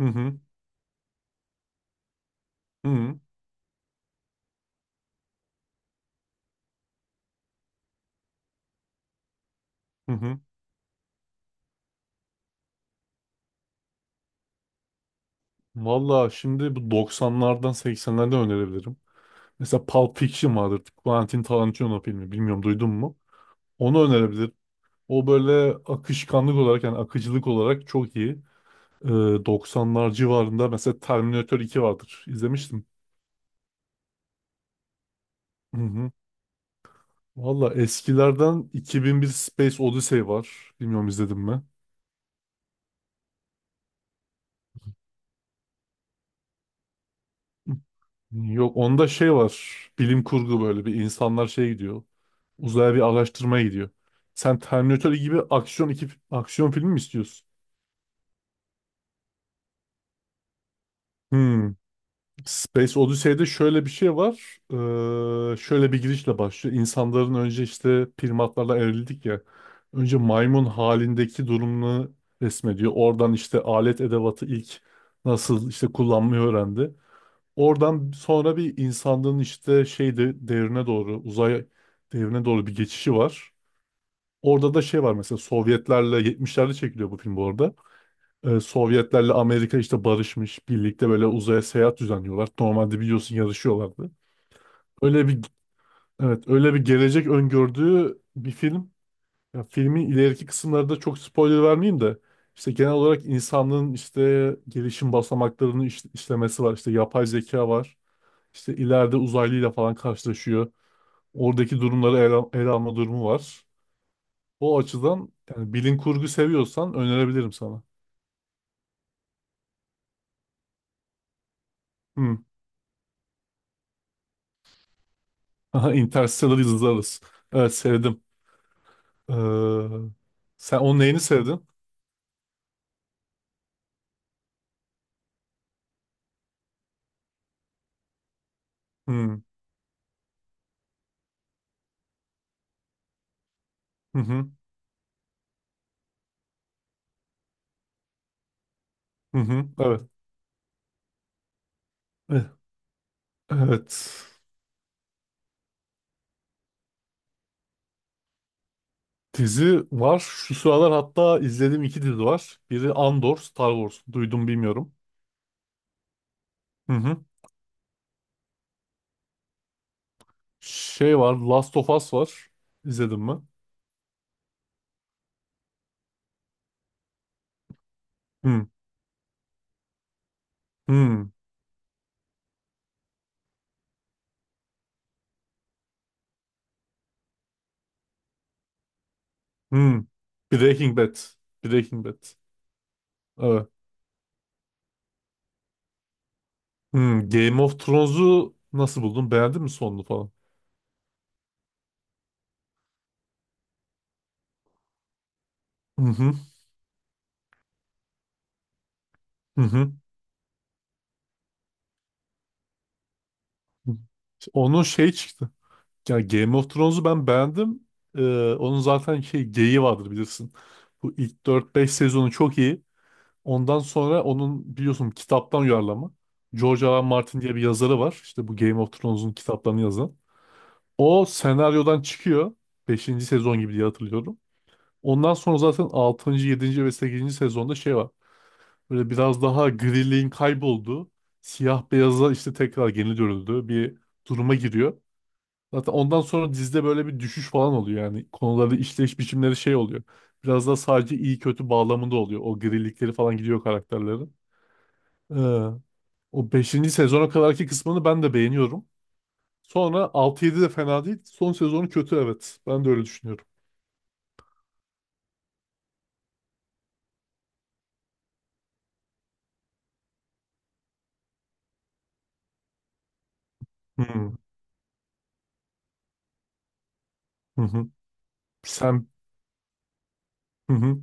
Hı hı. Hı hı. Hı hı. Valla şimdi bu doksanlardan 80'lerden önerebilirim. Mesela Pulp Fiction vardır. Quentin Tarantino filmi. Bilmiyorum duydun mu? Onu önerebilirim. O böyle akışkanlık olarak yani akıcılık olarak çok iyi. Ee, 90'lar civarında mesela Terminator iki vardır. İzlemiştim. Hı hı. Valla eskilerden 2001 Space Odyssey var. Bilmiyorum izledim mi? Yok onda şey var. Bilim kurgu böyle bir insanlar şey gidiyor. Uzaya bir araştırmaya gidiyor. Sen Terminator gibi aksiyon iki aksiyon filmi mi istiyorsun? Hmm. Space Odyssey'de şöyle bir şey var. Şöyle bir girişle başlıyor. İnsanların önce işte primatlarla evrildik ya. Önce maymun halindeki durumunu resmediyor. Oradan işte alet edevatı ilk nasıl işte kullanmayı öğrendi. Oradan sonra bir insanlığın işte şey de, devrine doğru, uzay devrine doğru bir geçişi var. Orada da şey var mesela Sovyetlerle 70'lerde çekiliyor bu film bu arada. Sovyetlerle Amerika işte barışmış, birlikte böyle uzaya seyahat düzenliyorlar. Normalde biliyorsun yarışıyorlardı. Öyle bir, evet, öyle bir gelecek öngördüğü bir film. Ya filmin ileriki kısımlarında çok spoiler vermeyeyim de işte genel olarak insanlığın işte gelişim basamaklarını işlemesi var. İşte yapay zeka var. İşte ileride uzaylıyla falan karşılaşıyor. Oradaki durumları ele alma durumu var. O açıdan yani bilim kurgu seviyorsan önerebilirim sana. Hmm. Aha, Interstellar izleriz. Evet sevdim. Ee, Sen onun neyini sevdin? Hmm. Hı hı. Hı hı. Evet. Eh, Evet. Dizi var. Şu sıralar hatta izlediğim iki dizi var. Biri Andor, Star Wars. Duydum bilmiyorum. Hı hı. Şey var, Last of Us var. İzledin mi? Hı. Hı. Hmm. Breaking Bad. Breaking Bad. Evet. Hmm. Game of Thrones'u nasıl buldun? Beğendin mi sonunu falan? Hı hı. Hı hı. Onun şey çıktı. Yani Game of Thrones'u ben beğendim. Onun zaten şey geyiği vardır bilirsin. Bu ilk dört beş sezonu çok iyi. Ondan sonra onun biliyorsun kitaptan uyarlama. George R. R. Martin diye bir yazarı var. İşte bu Game of Thrones'un kitaplarını yazan. O senaryodan çıkıyor. Beşinci sezon gibi diye hatırlıyorum. Ondan sonra zaten altıncı, yedinci ve sekizinci sezonda şey var. Böyle biraz daha griliğin kaybolduğu, siyah beyaza işte tekrar geri dönüldüğü bir duruma giriyor. Zaten ondan sonra dizide böyle bir düşüş falan oluyor yani. Konuları, işleyiş biçimleri şey oluyor. Biraz daha sadece iyi kötü bağlamında oluyor. O grilikleri falan gidiyor karakterlerin. Ee, O beşinci sezona kadarki kısmını ben de beğeniyorum. Sonra altı yedi de fena değil. Son sezonu kötü evet. Ben de öyle düşünüyorum. Hı hı. Hı. Sen... Hı hı.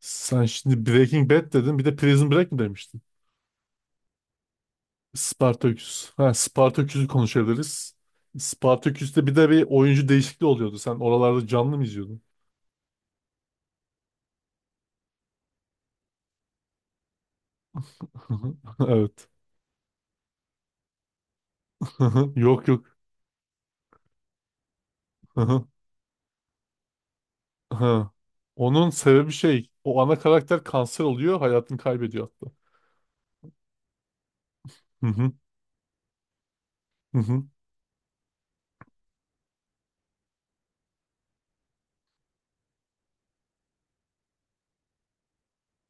Sen şimdi Breaking Bad dedin. Bir de Prison Break mi demiştin? Spartaküs. Ha, Spartaküs'ü konuşabiliriz. Spartaküs'te bir de bir oyuncu değişikliği oluyordu. Sen oralarda canlı mı izliyordun? Evet. Yok yok. Ha. Onun sebebi şey, o ana karakter kanser oluyor, hayatını kaybediyor hatta. Hı hı, hı hı.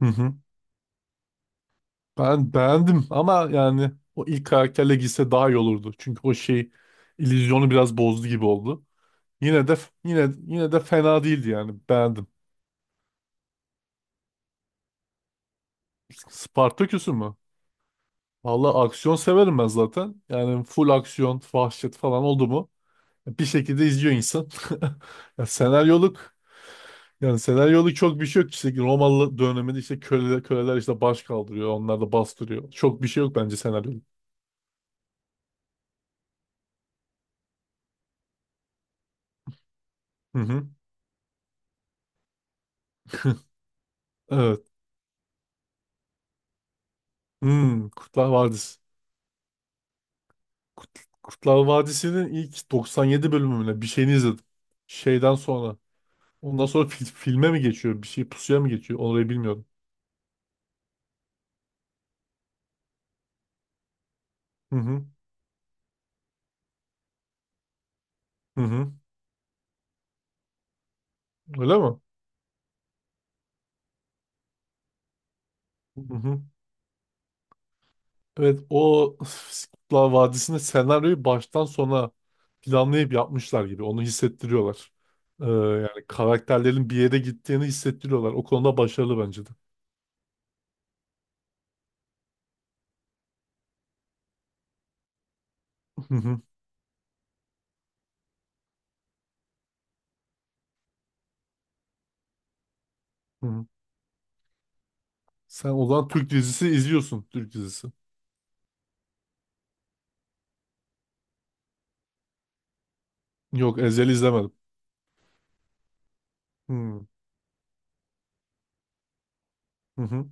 Hı hı. Ben beğendim ama yani o ilk karakterle gitse daha iyi olurdu. Çünkü o şey illüzyonu biraz bozdu gibi oldu. Yine de yine de fena değildi yani. Beğendim. Spartaküs'ü mü? Vallahi aksiyon severim ben zaten. Yani full aksiyon, vahşet falan oldu mu? Bir şekilde izliyor insan. Ya senaryoluk, yani senaryoluk çok bir şey yok. İşte Romalı döneminde işte köleler, köleler işte baş kaldırıyor. Onlar da bastırıyor. Çok bir şey yok bence senaryoluk. Hı hı. Evet. Hmm, Kurtlar Vadisi. Kurtlar Vadisi'nin ilk 97 bölümüne bir şeyini izledim. Şeyden sonra. Ondan sonra filme mi geçiyor? Bir şey pusuya mı geçiyor? Orayı bilmiyorum. Hı hı. Hı hı. Öyle mi? Hı hı. Evet o. Kurtlar Vadisi'nde senaryoyu baştan sona planlayıp yapmışlar gibi. Onu hissettiriyorlar. Yani karakterlerin bir yere gittiğini hissettiriyorlar. O konuda başarılı bence de. Hı hı. Hı hı. Sen o zaman Türk dizisi izliyorsun. Türk dizisi. Yok Ezel'i izlemedim. Hı hı. Hı.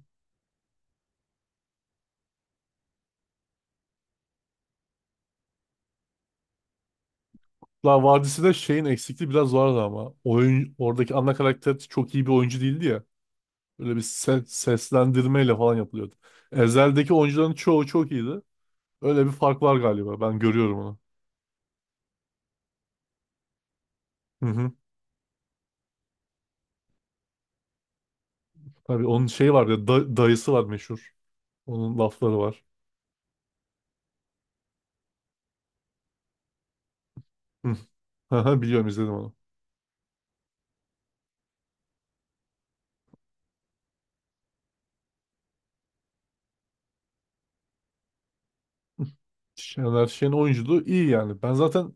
Kurtlar Vadisi'de şeyin eksikliği biraz vardı ama. Oyun, oradaki ana karakter çok iyi bir oyuncu değildi ya. Böyle bir seslendirmeyle falan yapılıyordu. Ezel'deki oyuncuların çoğu çok iyiydi. Öyle bir fark var galiba. Ben görüyorum onu. Hı hı. Tabii onun şeyi var ya dayısı var meşhur. Onun lafları var. Hı. Aha, biliyorum izledim onu. Şener Şen oyunculuğu iyi yani. Ben zaten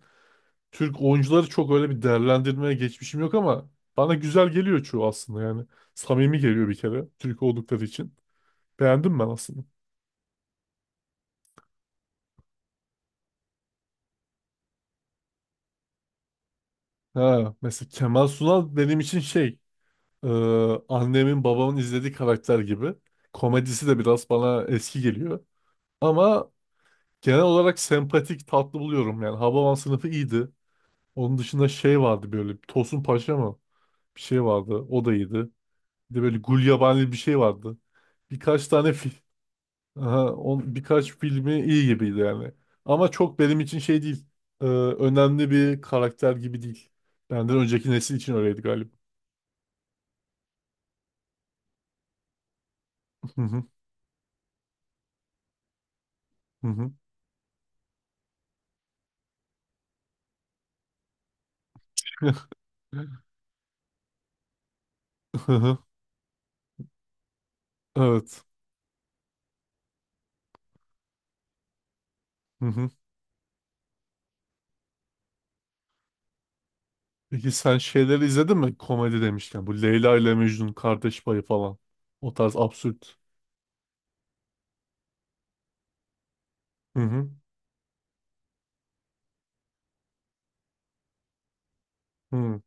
Türk oyuncuları çok öyle bir değerlendirmeye geçmişim yok ama bana güzel geliyor çoğu aslında yani. Samimi geliyor bir kere Türk oldukları için. Beğendim ben aslında. Ha, mesela Kemal Sunal benim için Ee, annemin babamın izlediği karakter gibi. Komedisi de biraz bana eski geliyor. Ama genel olarak sempatik, tatlı buluyorum. Yani Hababam sınıfı iyiydi. Onun dışında şey vardı böyle Tosun Paşa mı? Bir şey vardı. O da iyiydi. Bir de böyle Gulyabani bir şey vardı. Birkaç tane film. Aha, birkaç filmi iyi gibiydi yani. Ama çok benim için şey değil. Önemli bir karakter gibi değil. Benden önceki nesil için öyleydi galiba. Hı hı, hı hı. Hı hı, evet. Hı hı. Peki sen şeyleri izledin mi? Komedi demişken. Bu Leyla ile Mecnun kardeş payı falan. O tarz absürt. Hı hı. Hı.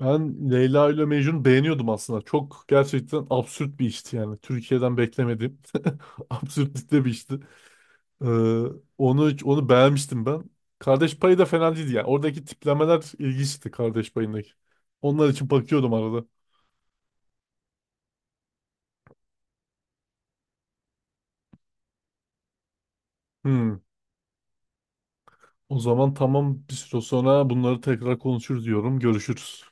Ben Leyla ile Mecnun beğeniyordum aslında. Çok gerçekten absürt bir işti yani. Türkiye'den beklemediğim absürtlükte bir işti. Ee, onu beğenmiştim ben. Kardeş payı da fena değildi yani. Oradaki tiplemeler ilginçti kardeş payındaki. Onlar için bakıyordum arada. Hı. O zaman tamam bir süre sonra bunları tekrar konuşuruz diyorum. Görüşürüz.